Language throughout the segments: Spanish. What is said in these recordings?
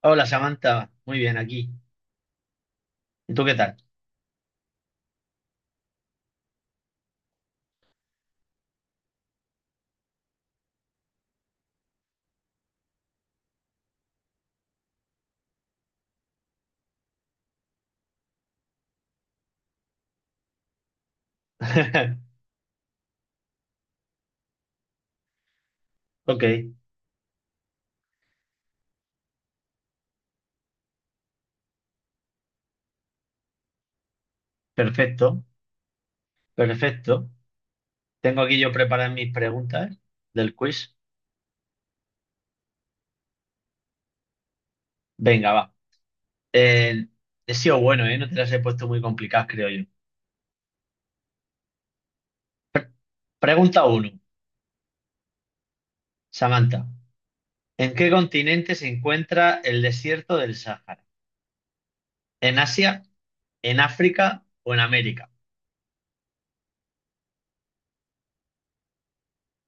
Hola Samantha, muy bien aquí. ¿Y tú qué tal? Ok, perfecto, perfecto. Tengo aquí yo preparadas mis preguntas del quiz. Venga, va. Eh, He sido bueno, ¿eh? No te las he puesto muy complicadas, creo yo. Pregunta uno, Samantha. ¿En qué continente se encuentra el desierto del Sáhara? ¿En Asia, en África o en América?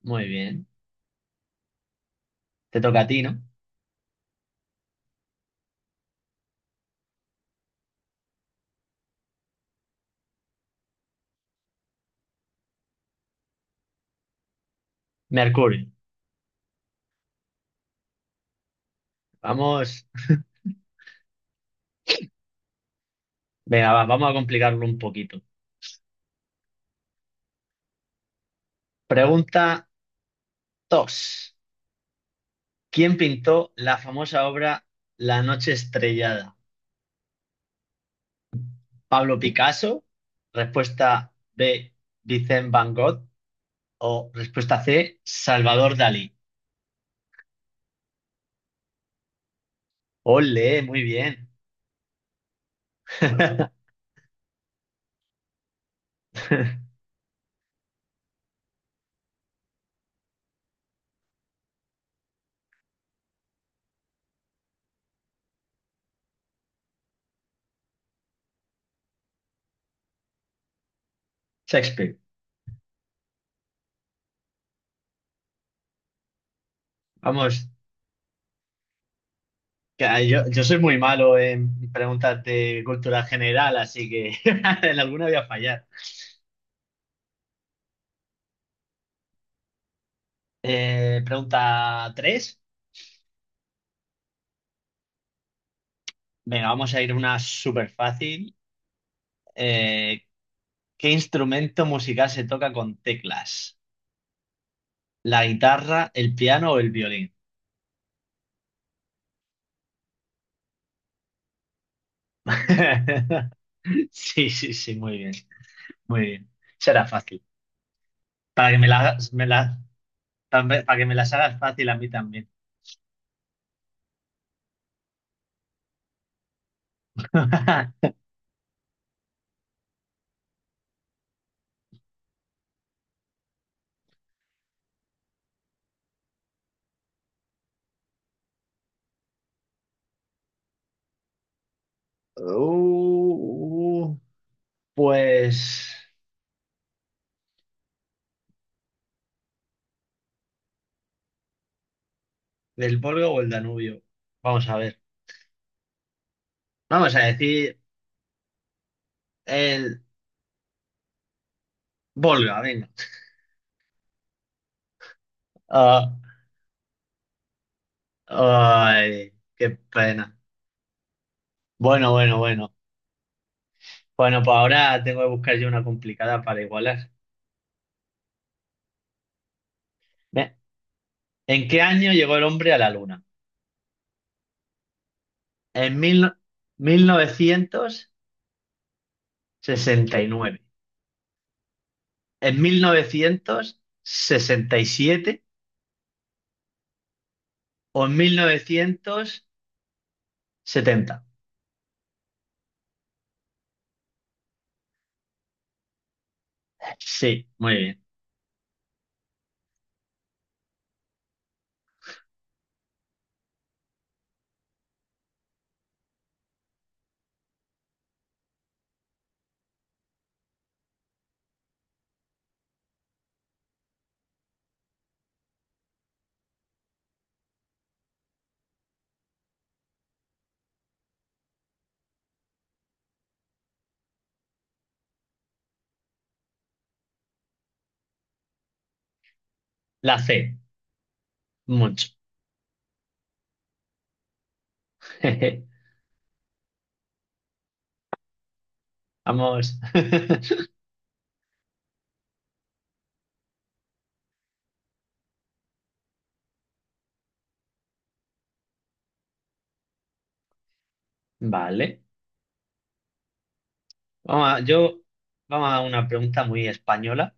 Muy bien, te toca a ti, ¿no? Mercurio. Vamos, venga, va, vamos a complicarlo un poquito. Pregunta dos. ¿Quién pintó la famosa obra La noche estrellada? ¿Pablo Picasso? Respuesta B, Vincent Van Gogh. O respuesta C, Salvador Dalí. Ole, muy bien. Shakespeare. Vamos, que yo soy muy malo en preguntas de cultura general, así que en alguna voy a fallar. Pregunta 3. Venga, vamos a ir una súper fácil. ¿Qué instrumento musical se toca con teclas? ¿La guitarra, el piano o el violín? Sí, sí, sí, muy bien, muy bien. Será fácil. Para que para que me las hagas fácil a mí también. Uh, pues, ¿del Volga o el Danubio? Vamos a ver. Vamos a decir el Volga, venga. Ah, ay, qué pena. Bueno, bueno, bueno. Bueno, pues ahora tengo que buscar yo una complicada para igualar. Ve, ¿en qué año llegó el hombre a la luna? En mil, no- ¿Mil novecientos sesenta y nueve, en 1967 o en mil novecientos setenta? Sí, muy bien. La C, mucho. Vamos. Vale. Vamos a, yo, vamos a una pregunta muy española.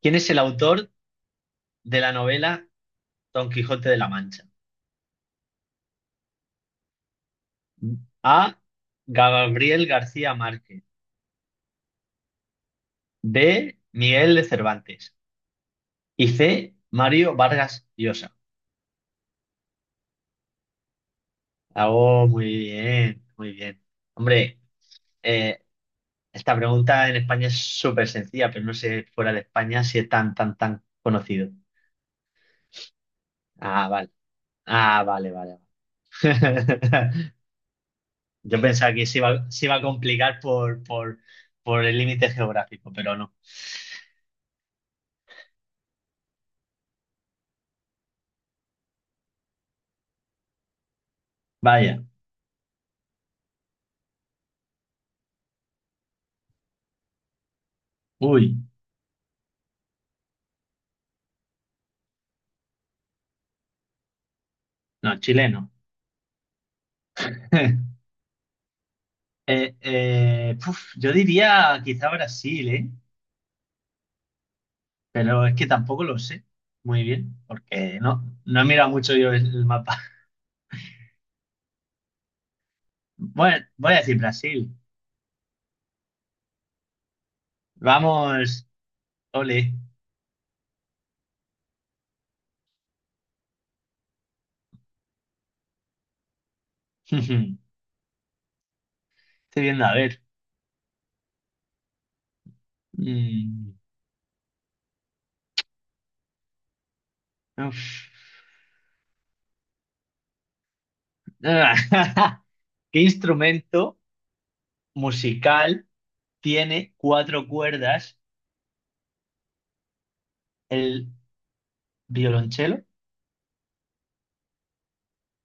¿Quién es el autor de la novela Don Quijote de la Mancha? A. Gabriel García Márquez. B. Miguel de Cervantes. Y C. Mario Vargas Llosa. Oh, muy bien, muy bien. Hombre, eh, esta pregunta en España es súper sencilla, pero no sé fuera de España si es tan, tan, tan conocido. Ah, vale. Ah, vale, vale. Yo pensaba que se iba a complicar por el límite geográfico, pero no. Vaya. Uy, no, chileno. Puf, yo diría quizá Brasil, ¿eh? Pero es que tampoco lo sé muy bien, porque no, no he mirado mucho yo el mapa. Bueno, voy a decir Brasil. Vamos, ole. Estoy viendo, a ver. Mm, uf. ¿Qué instrumento musical tiene cuatro cuerdas? ¿El violonchelo,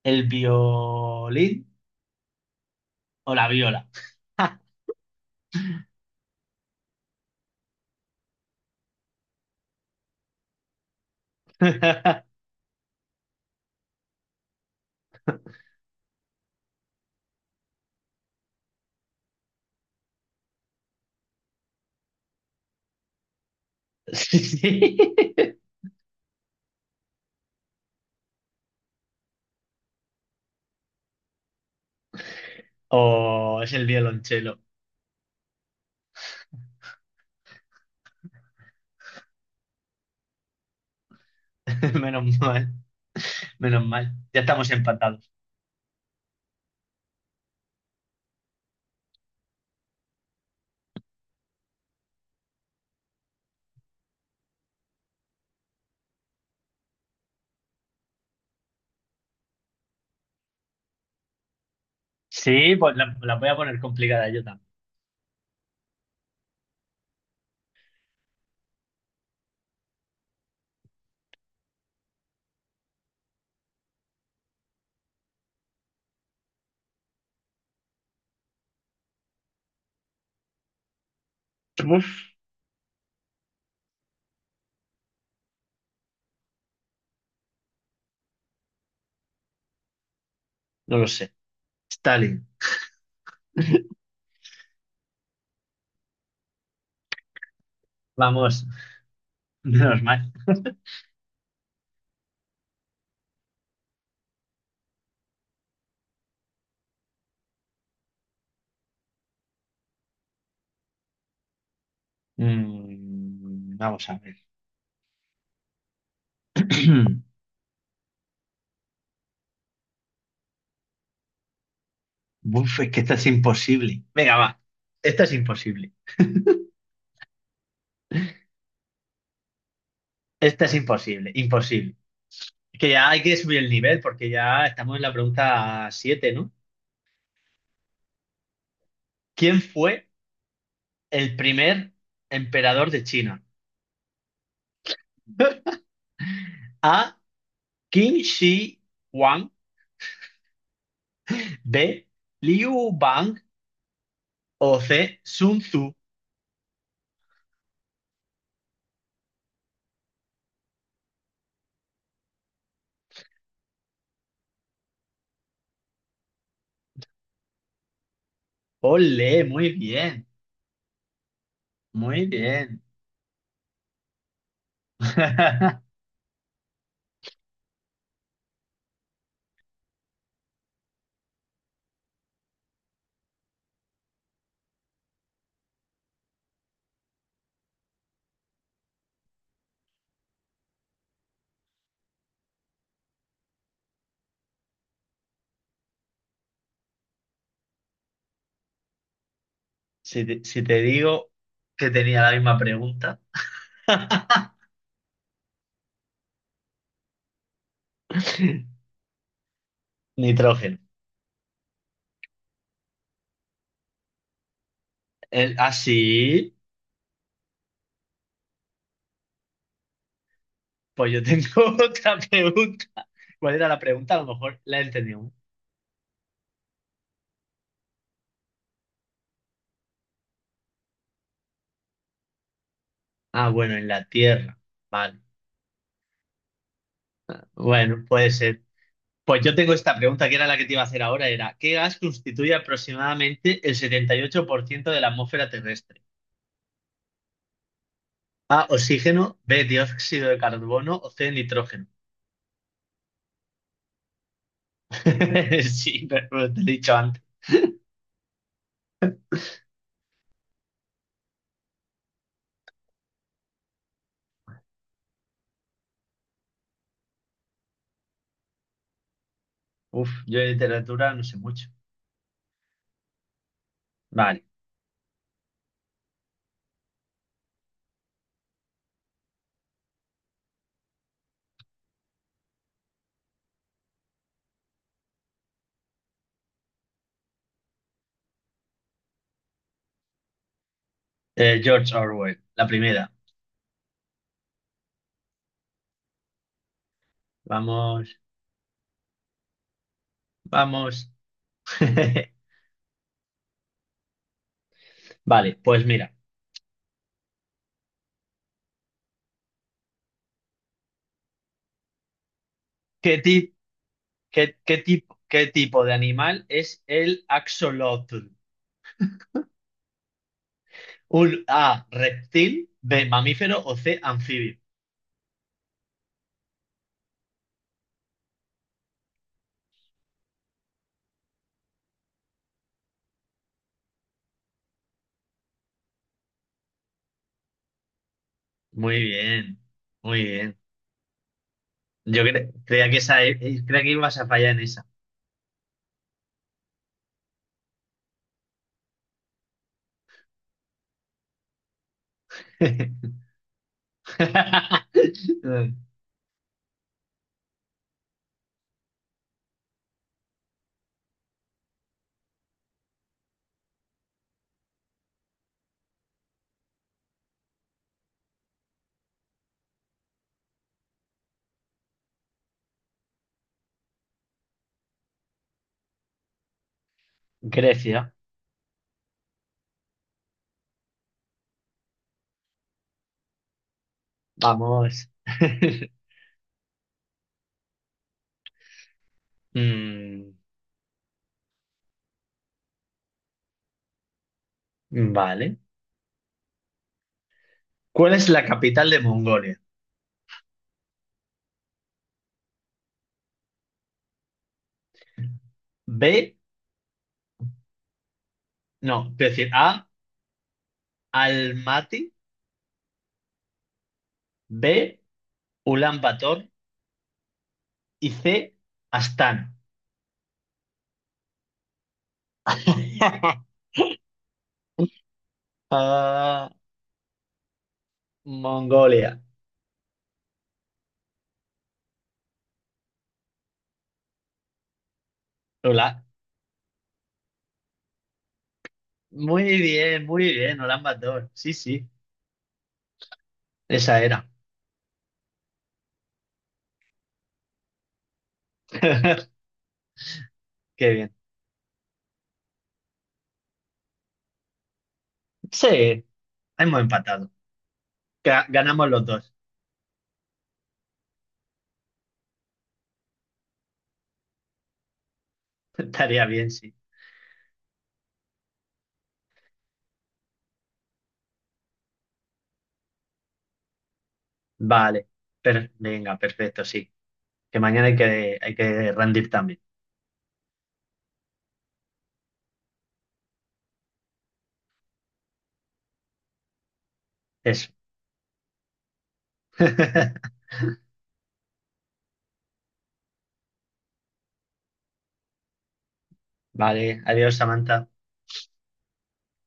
el violín o la viola? Sí. O es el violonchelo. Menos mal, menos mal. Ya estamos empatados. Sí, pues la voy a poner complicada yo también. Uf, no lo sé. Stalin. Vamos, menos mal. Mm, vamos a ver. Uf, es que esta es imposible. Venga, va. Esta es imposible. Esta es imposible. Imposible. Es que ya hay que subir el nivel porque ya estamos en la pregunta siete, ¿no? ¿Quién fue el primer emperador de China? A. Qin Shi Huang, B. Liu Bang o C. Sun Tzu. Ole, muy bien, muy bien. Si te digo que tenía la misma pregunta, nitrógeno. Sí, pues yo tengo otra pregunta. ¿Cuál era la pregunta? A lo mejor la he entendido. Ah, bueno, en la Tierra. Vale. Bueno, puede ser. Pues yo tengo esta pregunta que era la que te iba a hacer ahora, ¿qué gas constituye aproximadamente el 78% de la atmósfera terrestre? A, oxígeno, B, dióxido de carbono o C, nitrógeno. Sí, pero te lo he dicho antes. Uf, yo de literatura no sé mucho. Vale. George Orwell, la primera. Vamos, vamos. Vale, pues mira, ¿qué ti- ¿qué tipo de animal es el axolotl? Un A, reptil, B, mamífero o C, anfibio. Muy bien, muy bien. Creía que creía que ibas a fallar en esa. Grecia, vamos. Mm, vale. ¿Cuál es la capital de Mongolia? B, no, quiero decir A, Almaty, B, Ulan Bator y C, Astana. Ah, Mongolia. Hola. Muy bien, Ulan Bator. Sí, sí, esa era. Qué bien. Sí, hemos empatado. Ganamos los dos. Estaría bien, sí. Vale. Venga, perfecto, sí. Que mañana hay que rendir también. Eso. Vale, adiós, Samantha.